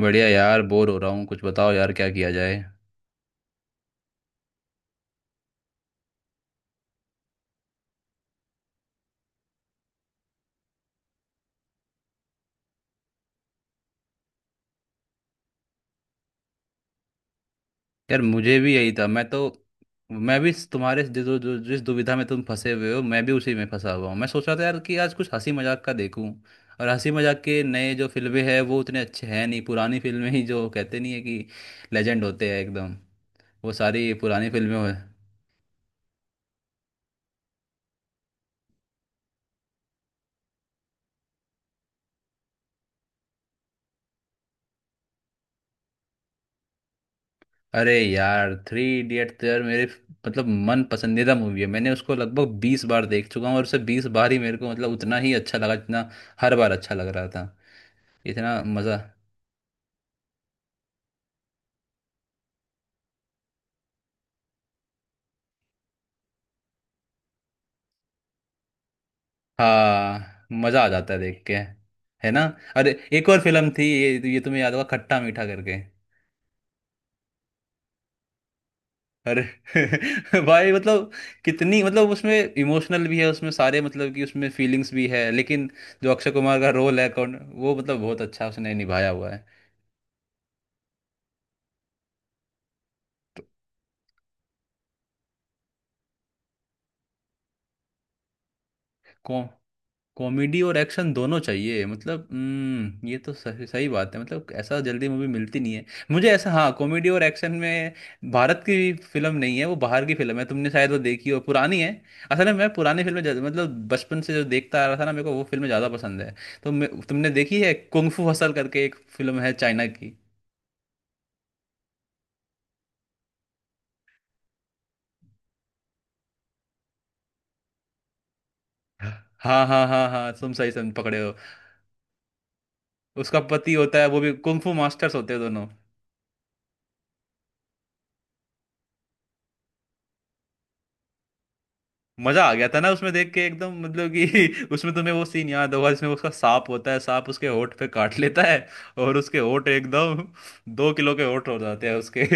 बढ़िया यार, बोर हो रहा हूँ। कुछ बताओ यार, क्या किया जाए। यार मुझे भी यही था, मैं तो मैं भी तुम्हारे जिस दुविधा में तुम फंसे हुए हो, मैं भी उसी में फंसा हुआ हूँ। मैं सोच रहा था यार कि आज कुछ हंसी मजाक का देखूं। और हंसी मजाक के नए जो फिल्में हैं वो उतने अच्छे हैं नहीं, पुरानी फिल्में ही जो कहते नहीं है कि लेजेंड होते हैं एकदम। वो सारी पुरानी फिल्में हो। अरे यार, थ्री इडियट तो यार मेरे मतलब मन पसंदीदा मूवी है। मैंने उसको लगभग 20 बार देख चुका हूँ और उसे 20 बार ही मेरे को मतलब उतना ही अच्छा लगा जितना हर बार अच्छा लग रहा था। इतना मजा। हाँ, मजा आ जाता है देख के। है ना। अरे एक और फिल्म थी ये तुम्हें याद होगा, खट्टा मीठा करके। अरे भाई मतलब कितनी मतलब उसमें इमोशनल भी है, उसमें सारे मतलब कि उसमें फीलिंग्स भी है, लेकिन जो अक्षय कुमार का रोल है कौन वो, मतलब बहुत अच्छा उसने निभाया हुआ है। कौन। कॉमेडी और एक्शन दोनों चाहिए मतलब, हम्म, ये तो सही सही बात है, मतलब ऐसा जल्दी मूवी मिलती नहीं है। मुझे ऐसा, हाँ, कॉमेडी और एक्शन में भारत की फिल्म नहीं है, वो बाहर की फिल्म है, तुमने शायद वो देखी हो, पुरानी है। असल में मैं पुरानी फिल्में ज्यादा- मतलब बचपन से जो देखता आ रहा था ना मेरे को वो फिल्में ज़्यादा पसंद है। तो मैं- तुमने देखी है कुंग फू हसल करके एक फिल्म है चाइना की। हाँ हाँ हाँ हाँ, तुम सही सम पकड़े हो। उसका पति होता है, वो भी कुंग फू मास्टर्स होते हैं दोनों। मजा आ गया था ना उसमें देख के एकदम, मतलब कि उसमें तुम्हें वो सीन याद होगा जिसमें उसका सांप होता है, सांप उसके होंठ पे काट लेता है, और उसके होंठ एकदम 2 किलो के होंठ हो जाते हैं उसके।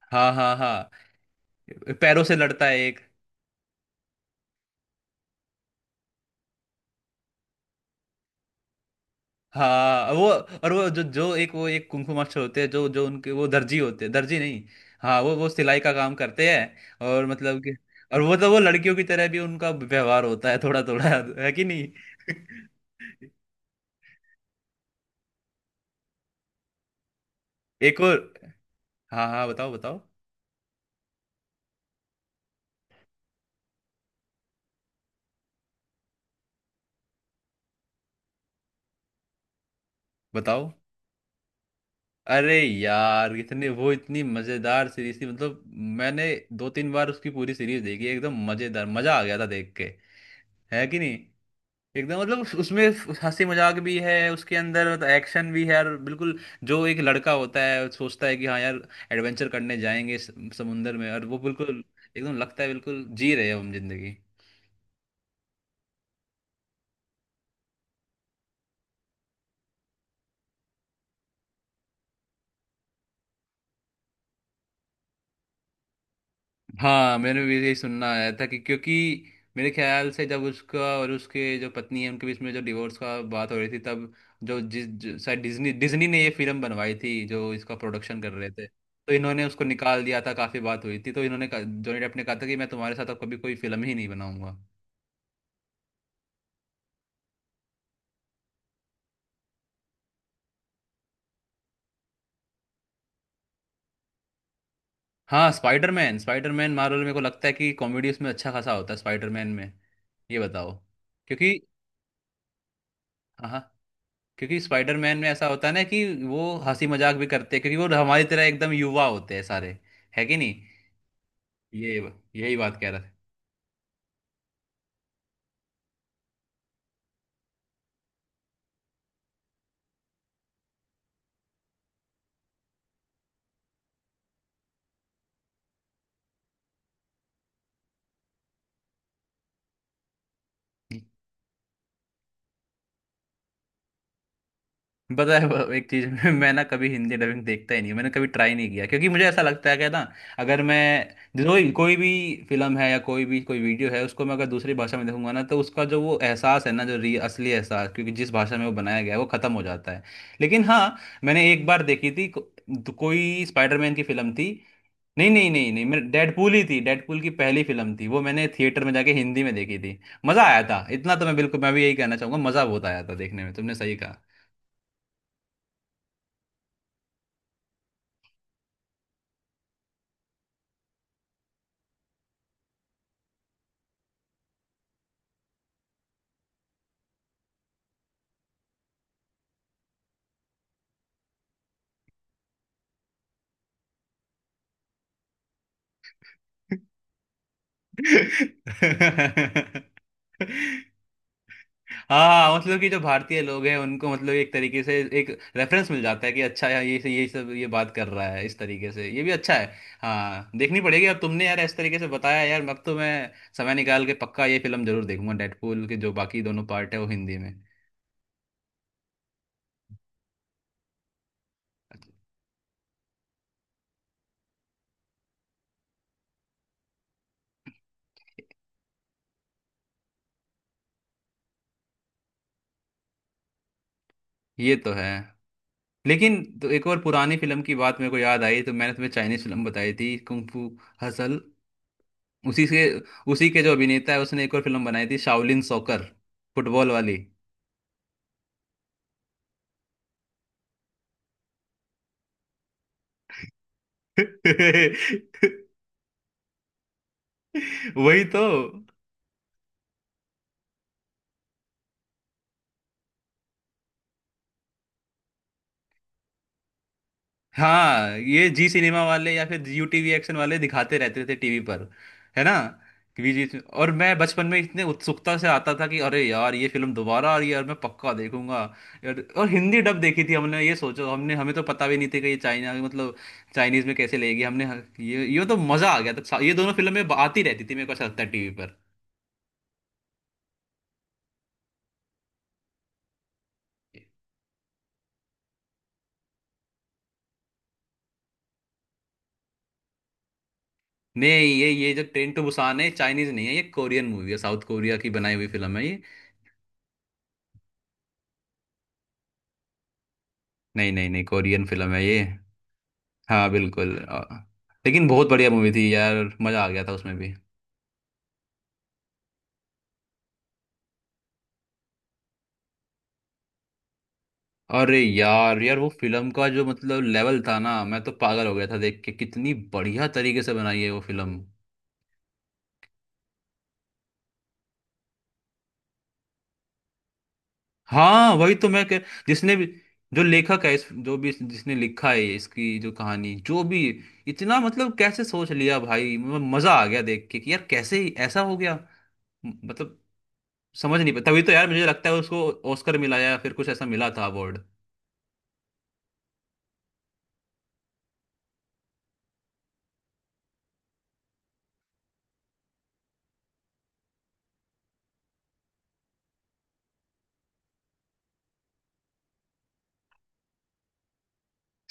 हाँ हाँ हाँ, पैरों से लड़ता है एक। हाँ, वो और वो जो जो एक वो एक कुंफू मास्टर होते हैं, जो जो उनके वो दर्जी होते हैं, दर्जी नहीं। हाँ, वो सिलाई का काम करते हैं, और मतलब कि और वो तो वो लड़कियों की तरह भी उनका व्यवहार होता है थोड़ा थोड़ा। है कि नहीं। एक और। हाँ हाँ, बताओ बताओ बताओ। अरे यार, इतने वो इतनी मजेदार सीरीज थी, मतलब मैंने 2-3 बार उसकी पूरी सीरीज देखी, एकदम मजेदार, मजा आ गया था देख के। है कि नहीं। एकदम मतलब उस- उसमें हंसी मजाक भी है उसके अंदर, मतलब एक्शन भी है यार, बिल्कुल। जो एक लड़का होता है, सोचता है कि हाँ यार, एडवेंचर करने जाएंगे समुंदर में, और वो बिल्कुल एकदम लगता है बिल्कुल जी रहे हैं हम जिंदगी। हाँ, मैंने भी यही सुनना आया था, कि क्योंकि मेरे ख्याल से जब उसका और उसके जो पत्नी है उनके बीच में जो डिवोर्स का बात हो रही थी, तब जो जिस जो- शायद डिज्नी डिज्नी ने ये फिल्म बनवाई थी, जो इसका प्रोडक्शन कर रहे थे, तो इन्होंने उसको निकाल दिया था, काफी बात हुई थी, तो इन्होंने कहा- जॉनी डेप ने कहा था कि मैं तुम्हारे साथ अब कभी कोई फिल्म ही नहीं बनाऊंगा। हाँ स्पाइडरमैन, स्पाइडरमैन मार्वल मेरे को लगता है कि कॉमेडी उसमें अच्छा खासा होता है, स्पाइडरमैन में। ये बताओ, क्योंकि, हाँ, क्योंकि स्पाइडरमैन में ऐसा होता है ना कि वो हंसी मजाक भी करते हैं, क्योंकि वो हमारी तरह एकदम युवा होते हैं सारे। है कि नहीं। ये यही बात कह रहा था। पता है वो एक चीज मैं ना कभी हिंदी डबिंग देखता ही नहीं हूं, मैंने कभी ट्राई नहीं किया, क्योंकि मुझे ऐसा लगता है कि ना अगर मैं जो कोई भी फिल्म है या कोई भी कोई वीडियो है उसको मैं अगर दूसरी भाषा में देखूंगा ना, तो उसका जो वो एहसास है ना, जो री असली एहसास, क्योंकि जिस भाषा में वो बनाया गया है वो खत्म हो जाता है। लेकिन हाँ, मैंने एक बार देखी थी कोई स्पाइडरमैन की फिल्म थी, नहीं नहीं नहीं नहीं, मेरे डेडपूल ही थी, डेडपूल की पहली फिल्म थी वो, मैंने थिएटर में जाके हिंदी में देखी थी। मजा आया था इतना, तो मैं बिल्कुल मैं भी यही कहना चाहूंगा, मजा बहुत आया था देखने में, तुमने सही कहा। हाँ, मतलब कि जो भारतीय लोग हैं उनको मतलब एक तरीके से एक रेफरेंस मिल जाता है कि अच्छा यार ये सब ये बात कर रहा है इस तरीके से, ये भी अच्छा है। हाँ, देखनी पड़ेगी अब, तुमने यार इस तरीके से बताया यार, अब तो मैं समय निकाल के पक्का ये फिल्म जरूर देखूंगा, डेडपूल के जो बाकी दोनों पार्ट है वो हिंदी में। ये तो है। लेकिन तो एक और पुरानी फिल्म की बात मेरे को याद आई, तो मैंने तुम्हें चाइनीज फिल्म बताई थी, कुंग फू हसल। उसी से, उसी के जो अभिनेता है उसने एक और फिल्म बनाई थी, शाओलिन सॉकर, फुटबॉल वाली। वही तो। हाँ, ये जी सिनेमा वाले या फिर यू टीवी एक्शन वाले दिखाते रहते थे टीवी पर। है ना। वी जी, और मैं बचपन में इतने उत्सुकता से आता था कि अरे यार ये फिल्म दोबारा आ रही है और मैं पक्का देखूंगा यार। और हिंदी डब देखी थी हमने, ये सोचो, हमने हमें तो पता भी नहीं थी कि ये चाइना मतलब चाइनीज में कैसे लेगी हमने। ये तो मजा आ गया था, ये दोनों फिल्में आती रहती थी मेरे को ऐसा लगता है टीवी पर। नहीं ये जो ट्रेन टू बुसान है चाइनीज नहीं है, ये कोरियन मूवी है, साउथ कोरिया की बनाई हुई फिल्म है ये। नहीं नहीं नहीं, कोरियन फिल्म है ये। हाँ बिल्कुल। लेकिन बहुत बढ़िया मूवी थी यार, मजा आ गया था उसमें भी। अरे यार यार वो फिल्म का जो मतलब लेवल था ना, मैं तो पागल हो गया था देख के, कितनी बढ़िया तरीके से बनाई है वो फिल्म। हाँ वही तो मैं कह, जिसने भी, जो लेखक है इस जो भी इस- जिसने लिखा है इसकी जो कहानी जो भी, इतना मतलब कैसे सोच लिया भाई। मजा आ गया देख के कि यार कैसे ही ऐसा हो गया। मतलब समझ नहीं पा, तभी तो यार मुझे लगता है उसको ऑस्कर मिला या फिर कुछ ऐसा मिला था अवार्ड।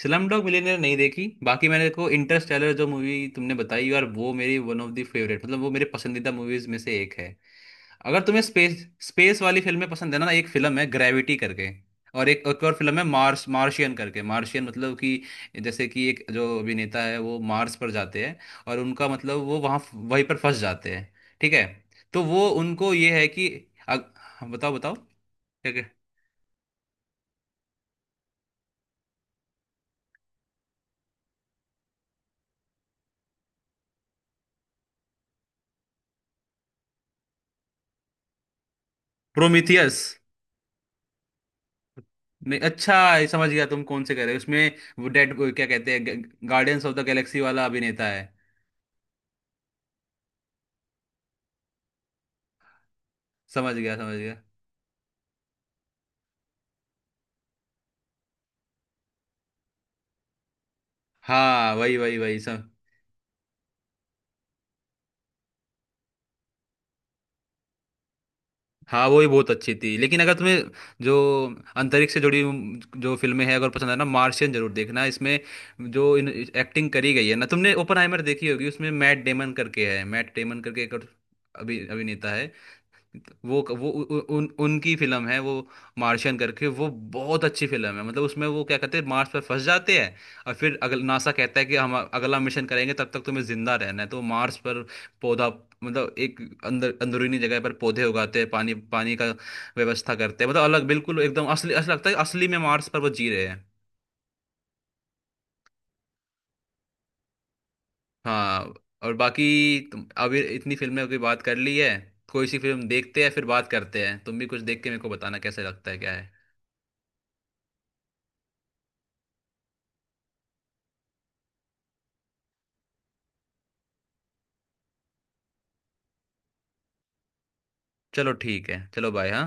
स्लम डॉग मिलियनेयर नहीं देखी, बाकी मैंने देखो इंटरस्टेलर जो मूवी तुमने बताई यार, वो मेरी वन ऑफ द फेवरेट, मतलब वो मेरे पसंदीदा मूवीज में से एक है। अगर तुम्हें स्पेस स्पेस वाली फिल्में पसंद है ना, एक फिल्म है ग्रेविटी करके, और एक एक और फिल्म है, मार्स मार्शियन करके, मार्शियन मतलब कि जैसे कि एक जो अभिनेता है वो मार्स पर जाते हैं, और उनका मतलब वो वहाँ वहीं पर फंस जाते हैं। ठीक है। तो वो उनको ये है कि अग, बताओ बताओ। क्या क्या। प्रोमीथियस। नहीं अच्छा ये समझ गया तुम कौन से कह रहे हो, उसमें वो डेड क्या कहते हैं, गार्डियंस ऑफ द गैलेक्सी वाला अभिनेता है। समझ गया समझ गया। हाँ वही वही वही सब। हाँ वो ही बहुत अच्छी थी, लेकिन अगर तुम्हें जो अंतरिक्ष से जुड़ी हुई जो फिल्में हैं अगर पसंद है ना, मार्शियन जरूर देखना, इसमें जो इन एक्टिंग करी गई है ना। तुमने ओपनहाइमर देखी होगी, उसमें मैट डेमन करके है, मैट डेमन करके एक और अभिनेता है, वो उ, उ, उन उनकी फिल्म है वो, मार्शियन करके वो। बहुत अच्छी फिल्म है, मतलब उसमें वो क्या कहते हैं मार्स पर फंस जाते हैं, और फिर अगल NASA कहता है कि हम अगला मिशन करेंगे तब तक तुम्हें जिंदा रहना है, तो मार्स पर पौधा, मतलब एक अंदरूनी जगह पर पौधे उगाते हैं, पानी पानी का व्यवस्था करते हैं, मतलब अलग बिल्कुल एकदम, असली असली लगता है, असली में मार्स पर वो जी रहे हैं। हाँ, और बाकी तुम अभी इतनी फिल्में की बात कर ली है, कोई सी फिल्म देखते हैं फिर बात करते हैं, तुम भी कुछ देख के मेरे को बताना कैसे लगता है क्या है। चलो ठीक है, चलो, बाय, हाँ।